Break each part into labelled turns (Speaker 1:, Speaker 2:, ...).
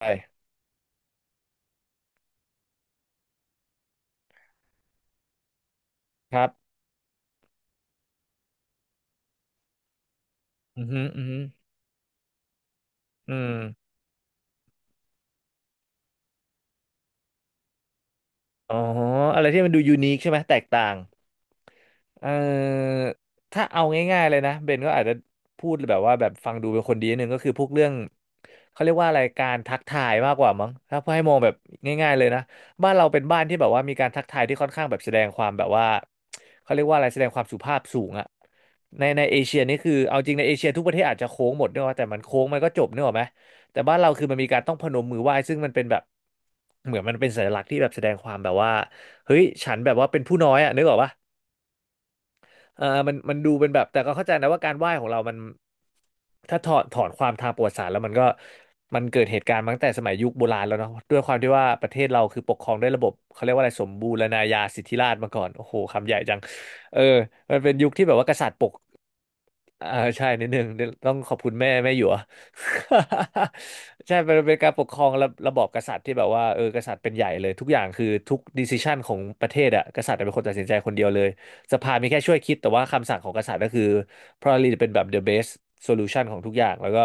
Speaker 1: ไปครับ อืมอฮึออือฮึออืมอ๋อ อะไรที่มันดูยูนิคใช่ไหม แตกต่าง เออถ้าเอาง่ายๆเลยนะเบนก็อาจจะพูดแบบว่าแบบฟังดูเป็นคนดีนิดนึงก็คือพวกเรื่องเขาเรียกว่าอะไรการทักทายมากกว่ามั้งถ้าให้มองแบบง่ายๆเลยนะบ้านเราเป็นบ้านที่แบบว่ามีการทักทายที่ค่อนข้างแบบแสดงความแบบว่าเขาเรียกว่าอะไรแสดงความสุภาพสูงอะในเอเชียนี่คือเอาจริงในเอเชียทุกประเทศอาจจะโค้งหมดเนกอะแต่มันโค้งมันก็จบเนกอะไหมแต่บ้านเราคือมันมีการต้องพนมมือไหว้ซึ่งมันเป็นแบบเหมือนมันเป็นสัญลักษณ์ที่แบบแสดงความแบบว่าเฮ้ยฉันแบบว่าเป็นผู้น้อยอะนึกออกปะ เออมันดูเป็นแบบ แต่ก็เข้าใจนะว่าการไหว้ของเรามันถ้าถอดถอนความทางประวัติศาสตร์แล้วมันก็มันเกิดเหตุการณ์มาตั้งแต่สมัยยุคโบราณแล้วเนาะด้วยความที่ว่าประเทศเราคือปกครองด้วยระบบ เขาเรียกว่าอะไรสมบูรณาญาสิทธิราชย์มาก่อนโอ้โหคำใหญ่จังเออมันเป็นยุคที่แบบว่ากษัตริย์ปก อ่าใช่นิดนึงเดี๋ยวต้องขอบคุณแม่หยว ใช่เป็นการปกครองระบอบกษัตริย์ที่แบบว่าเออกษัตริย์เป็นใหญ่เลยทุกอย่างคือทุกดิส i ชันของประเทศอะกษัตริย์เป็นคนตัดสินใจคนเดียวเลยสภามีแค่ช่วยคิดแต่ว่าคำสั่งของกษัตริย์ก็คือ probably เป็นแบบ the best solution ของทุกอย่างแล้วก็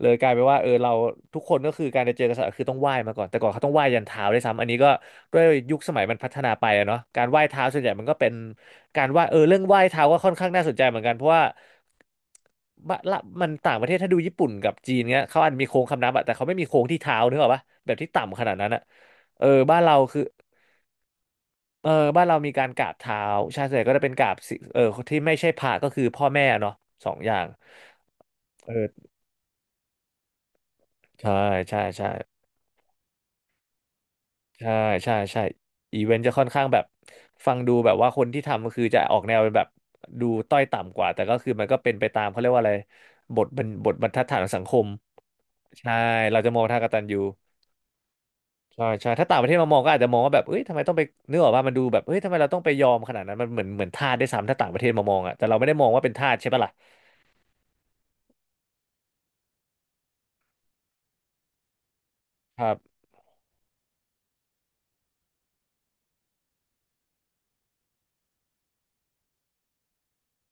Speaker 1: เลยกลายเป็นว่าเออเราทุกคนก็คือการจะเจอกษัตริย์คือต้องไหว้มาก่อนแต่ก่อนเขาต้องไหว้ยันเท้าด้วยซ้ำอันนี้ก็ ด้วยยุคสมัยมันพัฒนาไปอะเนาะการไหว้เท้าส่วนใหญ่มันก็เป็นการไหว้เออเรื่องไหว้เท้าก็ค่อนข้างน่าสนใจเหมือนกันเพราะว่าบะละมันต่างประเทศถ้าดูญี่ปุ่นกับจีนเงี้ยเขาอาจมีโค้งคำนับอะแต่เขาไม่มีโค้งที่เท้านึกออกปะแบบที่ต่ำขนาดนั้นอะเออบ้านเราคือเออบ้านเรามีการกราบเท้าใช่ส่วนใหญ่ก็จะเป็นกราบสิเออที่ไม่ใช่พระก็คือพ่อแม่เนาะสองอย่างเออใช่ใช่ใช่ ใช่ใช่ใช่อีเวนต์จะค่อนข้างแบบฟังดูแบบว่าคนที่ทำก็คือจะออกแนวเป็นแบบดูต้อยต่ำกว่าแต่ก็คือมันก็เป็นไปตามเขาเรียกว่าอะไรบทบรรทัดฐานของสังคมใช่เราจะมองทางกตัญญูใช่ใช่ถ้าต่างประเทศมามองก็อาจจะมองว่าแบบเอ้ยทำไมต้องไปเนื้อออกว่ามันดูแบบเอ้ยทำไมเราต้องไปยอมขนาดนั้นมันเหมือนทาสได้วยซ้ำถ้าต่างประเทศมามองอ่ะแต่เราไม่ได้มองว่าเป็นทาสใช่ปะล่ะครับ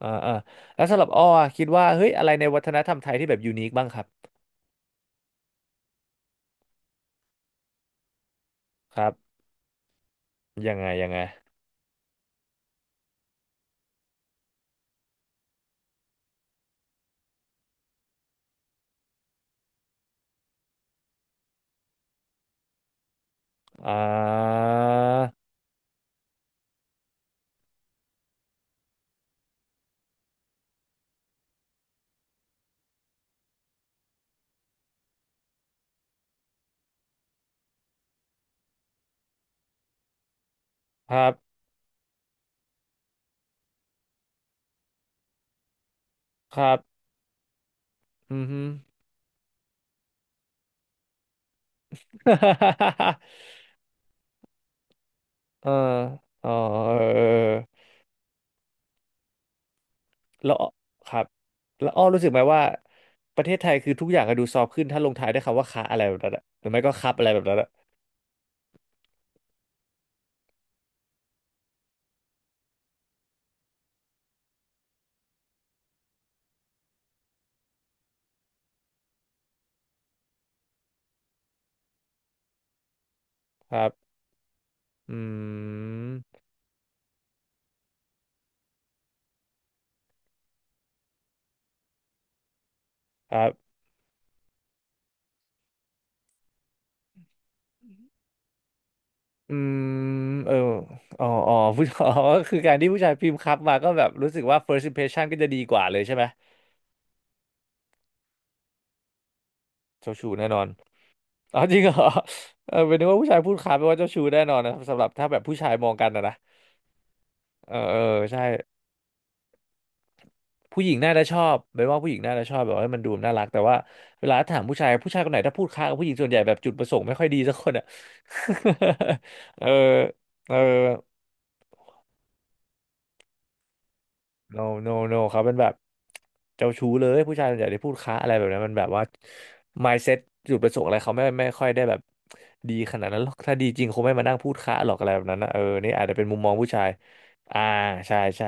Speaker 1: อ่าอ่าแล้วสำหรับอ้ออะคิดว่าเฮ้ยอะไรในวัฒนธรรมไทยที่แบบยูนิคบ้างครับครับยังไงยังไงอ่าครับ ครับอือฮึ เอออ๋อเออเออแล้วอ้อครับแล้วอ้อรู้สึกไหมว่าประเทศไทยคือทุกอย่างก็ดูซอฟต์ขึ้นถ้าลงท้ายด้วยคำว่าคะอะไรแบบนั้นอะหรือไม่ก็ครับอะไรแบบนั้นอะครับอืมครับอืมเอออ๋อผู้ อ๋อคือการที่ผู้ชายพิมพ์ครับมาก็แบบรู้สึกว่า first impression ก็จะดีกว่าเลยใช่ไหมเจ้าชู้แน่นอนอ๋อจริงเหรอ เออเป็นนึกว่าผู้ชายพูดครับแปลว่าเจ้าชู้แน่นอนนะสำหรับถ้าแบบผู้ชายมองกันนะนะเออเออใช่ ผู้หญิงน่าจะชอบเป็นว่าผู้หญิงน่าจะชอบแบบว่าให้มันดูน่ารักแต่ว่าเวลาถามผู้ชายคนไหนถ้าพูดค้ากับผู้หญิงส่วนใหญ่แบบจุดประสงค์ไม่ค่อยดีสักคนอ่ะ เออเออ no no no เขาเป็นแบบเจ้าชู้เลยผู้ชายส่วนใหญ่ที่พูดค้าอะไรแบบนั้นมันแบบว่า mindset จุดประสงค์อะไรเขาไม่ค่อยได้แบบดีขนาดนั้นหรอกถ้าดีจริงคงไม่มานั่งพูดค้าหรอกอะไรแบบนั้นนะเออนี่อาจจะเป็นมุมมองผู้ชายอ่าใช่ใช่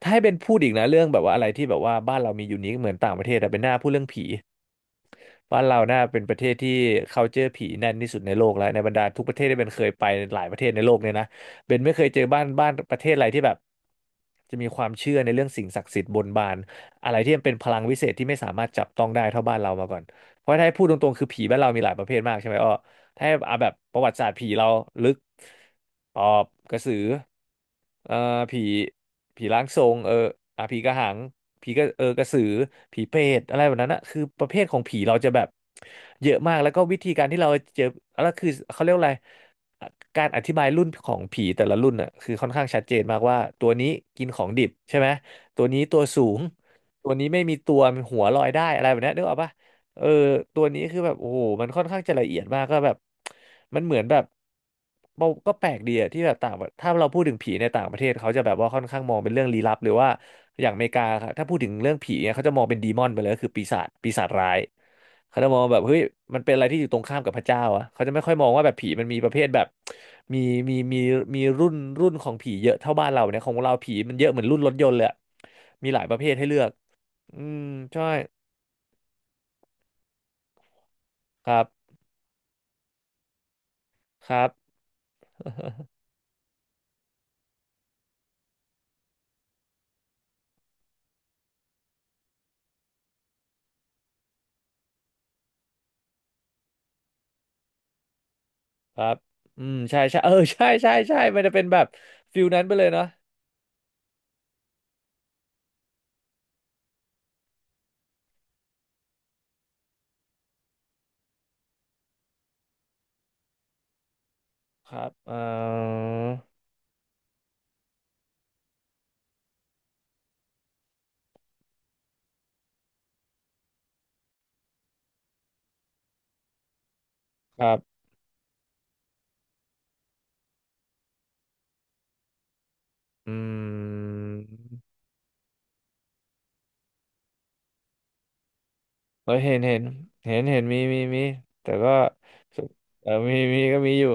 Speaker 1: ถ้าให้เป็นพูดอีกนะเรื่องแบบว่าอะไรที่แบบว่าบ้านเรามียูนิคเหมือนต่างประเทศแต่เป็นหน้าพูดเรื่องผี บ้านเราน่าเป็นประเทศที่ culture ผีแน่นที่สุดในโลกแล้วในบรรดาทุกประเทศที่เป็นเคยไปหลายประเทศในโลกเนี่ยนะเบนไม่เคยเจอบ้านประเทศอะไรที่แบบจะมีความเชื่อในเรื่องสิ่งศักดิ์สิทธิ์บนบานอะไรที่มันเป็นพลังวิเศษที่ไม่สามารถจับต้องได้เท่าบ้านเรามาก่อนเพราะถ้าให้พูดตรงๆคือผีบ้านเรามีหลายประเภทมากใช่ไหมอ้อ ถ้าเอาแบบประวัติศาสตร์ผีเราลึกปอบกระสือเอ่อผีผีร่างทรงเอออ่ะผีกระหังผีกระกระสือผีเปรตอะไรแบบนั้นนะคือประเภทของผีเราจะแบบเยอะมากแล้วก็วิธีการที่เราเจอแล้วคือเขาเรียกว่าอะไรการอธิบายรุ่นของผีแต่ละรุ่นน่ะคือค่อนข้างชัดเจนมากว่าตัวนี้กินของดิบใช่ไหมตัวนี้ตัวสูงตัวนี้ไม่มีตัวมีหัวลอยได้อะไรแบบเนี้ยนึกออกปะ เออตัวนี้คือแบบโอ้โหมันค่อนข้างจะละเอียดมากก็แบบ มันเหมือนแบบเราก็แปลกดีอะที่แบบต่างประถ้าเราพูดถึงผีในต่างประเทศเขาจะแบบว่าค่อนข้างมองเป็นเรื่องลี้ลับหรือว่าอย่างอเมริกาครับถ้าพูดถึงเรื่องผีเนี่ยเขาจะมองเป็นดีมอนไปเลยก็คือปีศาจปีศาจร้ายเขาจะมองแบบเฮ้ยมันเป็นอะไรที่อยู่ตรงข้ามกับพระเจ้าอะเขาจะไม่ค่อยมองว่าแบบผีมันมีประเภทแบบมีมีมีมีรุ่นของผีเยอะเท่าบ้านเราเนี่ยของเราผีมันเยอะเหมือนรุ่นรถยนต์เลยอะมีหลายประเภทให้เลือกอืมใช่ครับครับ ครับอืมใช่ใช่ เออใช่ใช่ใช่มันจะเป็นแบบฟิลนั้นไปเลยเนาะครับเออครับอืมเออเห็นเห็นเห็นเห็นมีมีมีแต่ก็เออมีมีก็มีอยู่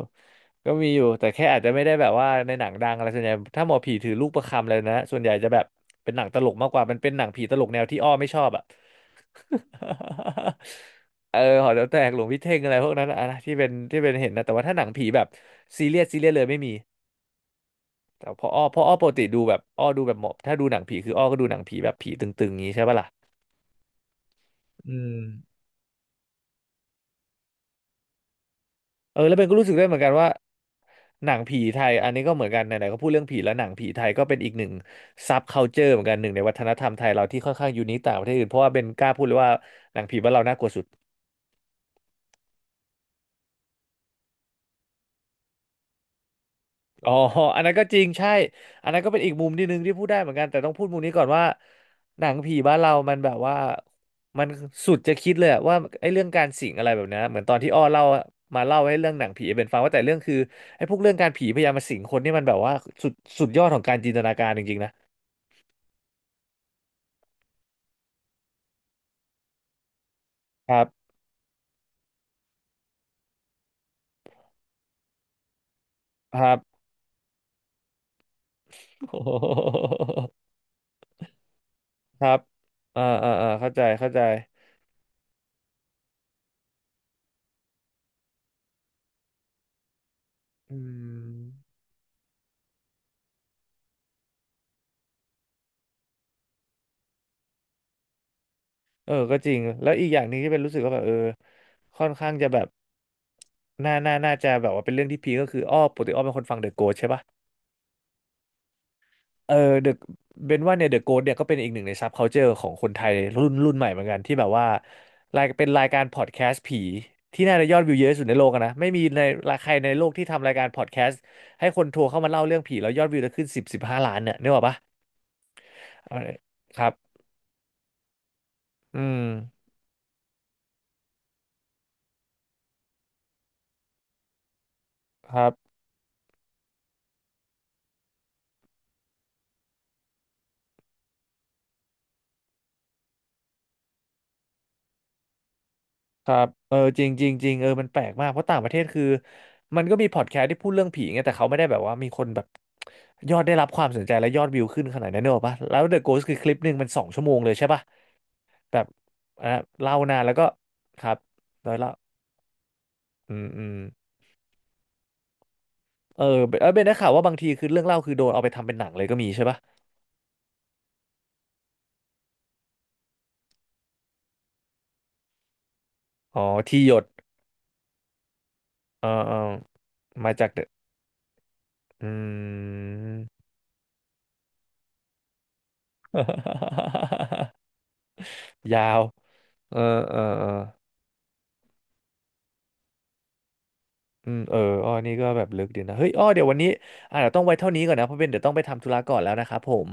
Speaker 1: ก็มีอยู่แต่แค่อาจจะไม่ได้แบบว่าในหนังดังอะไรส่วนใหญ่ถ้าหมอผีถือลูกประคำเลยนะส่วนใหญ่จะแบบเป็นหนังตลกมากกว่ามันเป็นหนังผีตลกแนวที่อ้อไม่ชอบอ่ะ เออหอแถวแตกหลวงพี่เท่งอะไรพวกนั้นอะนะที่เป็นเห็นนะแต่ว่าถ้าหนังผีแบบซีเรียสเลยไม่มีแต่พออ้อปกติดูแบบอ้อดูแบบหมอบถ้าดูหนังผีคืออ้อก็ดูหนังผีแบบผีตึงๆงี้ใช่ปะล่ะอืมเออแล้วเบนก็รู้สึกได้เหมือนกันว่าหนังผีไทยอันนี้ก็เหมือนกันไหนๆก็พูดเรื่องผีแล้วหนังผีไทยก็เป็นอีกหนึ่งซับคัลเจอร์เหมือนกันหนึ่งในวัฒนธรรมไทยเราที่ค่อนข้างยูนิคต่างประเทศอื่นเพราะว่าเบนกล้าพูดเลยว่าหนังผีบ้านเราน่ากลัวสุด อ๋ออันนั้นก็จริงใช่ อันนั้นก็เป็นอีกมุมนิดนึงที่พูดได้เหมือนกันแต่ต้องพูดมุมนี้ก่อนว่าหนังผีบ้านเรามันแบบว่ามันสุดจะคิดเลยอะว่าไอ้เรื่องการสิงอะไรแบบเนี้ยเหมือนตอนที่อ้อเล่ามาเล่าให้เรื่องหนังผีเป็นฟังว่าแต่เรื่องคือไอ้พวกเรื่องการผีพยายามมาสิงคนนี่มันแบบว่าสุดสุดยอดของการจินตนาการจริงๆนะครับครับ โอ้โหครับอ่าอ่าอ่าเข้าใจเข้าใจอืมเออก็จริงแล้วอีกอย่างหนึ่งที่เป็นรู้สึกว่าแบบเออค่อนข้างจะแบบ น่าจะแบบว่าเป็นเรื่องที่พีคก็คืออ้อปกติอ้อเป็นคนฟังเดอะโก t ใช่ปะเออเดอะเบนว่าเนี่ยเดอะโก t เนี่ยก็เป็นอีกหนึ่งในซับคัลเจอร์ของคนไทยรุ่นใหม่เหมือนกันที่แบบว่ารายเป็นรายการพอดแคสต์ผีที่น่าจะยอดวิวเยอะที่สุดในโลกอะนะไม่มีใครในโลกที่ทำรายการพอดแคสต์ให้คนโทรเข้ามาเล่าเรื่องผีแล้วยอดวิวจะขึ้น15 ล้านเนี่ยนึกออกปะเอาเลยครับอืมครับ ครับเออจริงจริงจริงเออมันแปลกมากเพราะต่างประเทศคือมันก็มีพอดแคสต์ที่พูดเรื่องผีไงแต่เขาไม่ได้แบบว่ามีคนแบบยอดได้รับความสนใจและยอดวิวขึ้นขนาดนั้นเนอะปะแล้ว The Ghost คือคลิปหนึ่งมัน2 ชั่วโมงเลยใช่ปะแบบอ่ะเล่านานแล้วก็ครับโดยเล่าอืมอืมเออเบนเออเบนได้ข่าวว่าบางทีคือเรื่องเล่าคือโดนเอาไปทำเป็นหนังเลยก็มีใช่ปะอ๋อที่หยดเออเออมาจาก The อืม ยาวเออเออเออ อืมเอออ้อนี่ก็แบบลึกดีนะเฮ้ยอ้อเดี๋ยววันนี้อาจจะเดี๋ยวต้องไว้เท่านี้ก่อนนะเพราะเป็นเดี๋ยวต้องไปทำธุระก่อนแล้วนะครับผม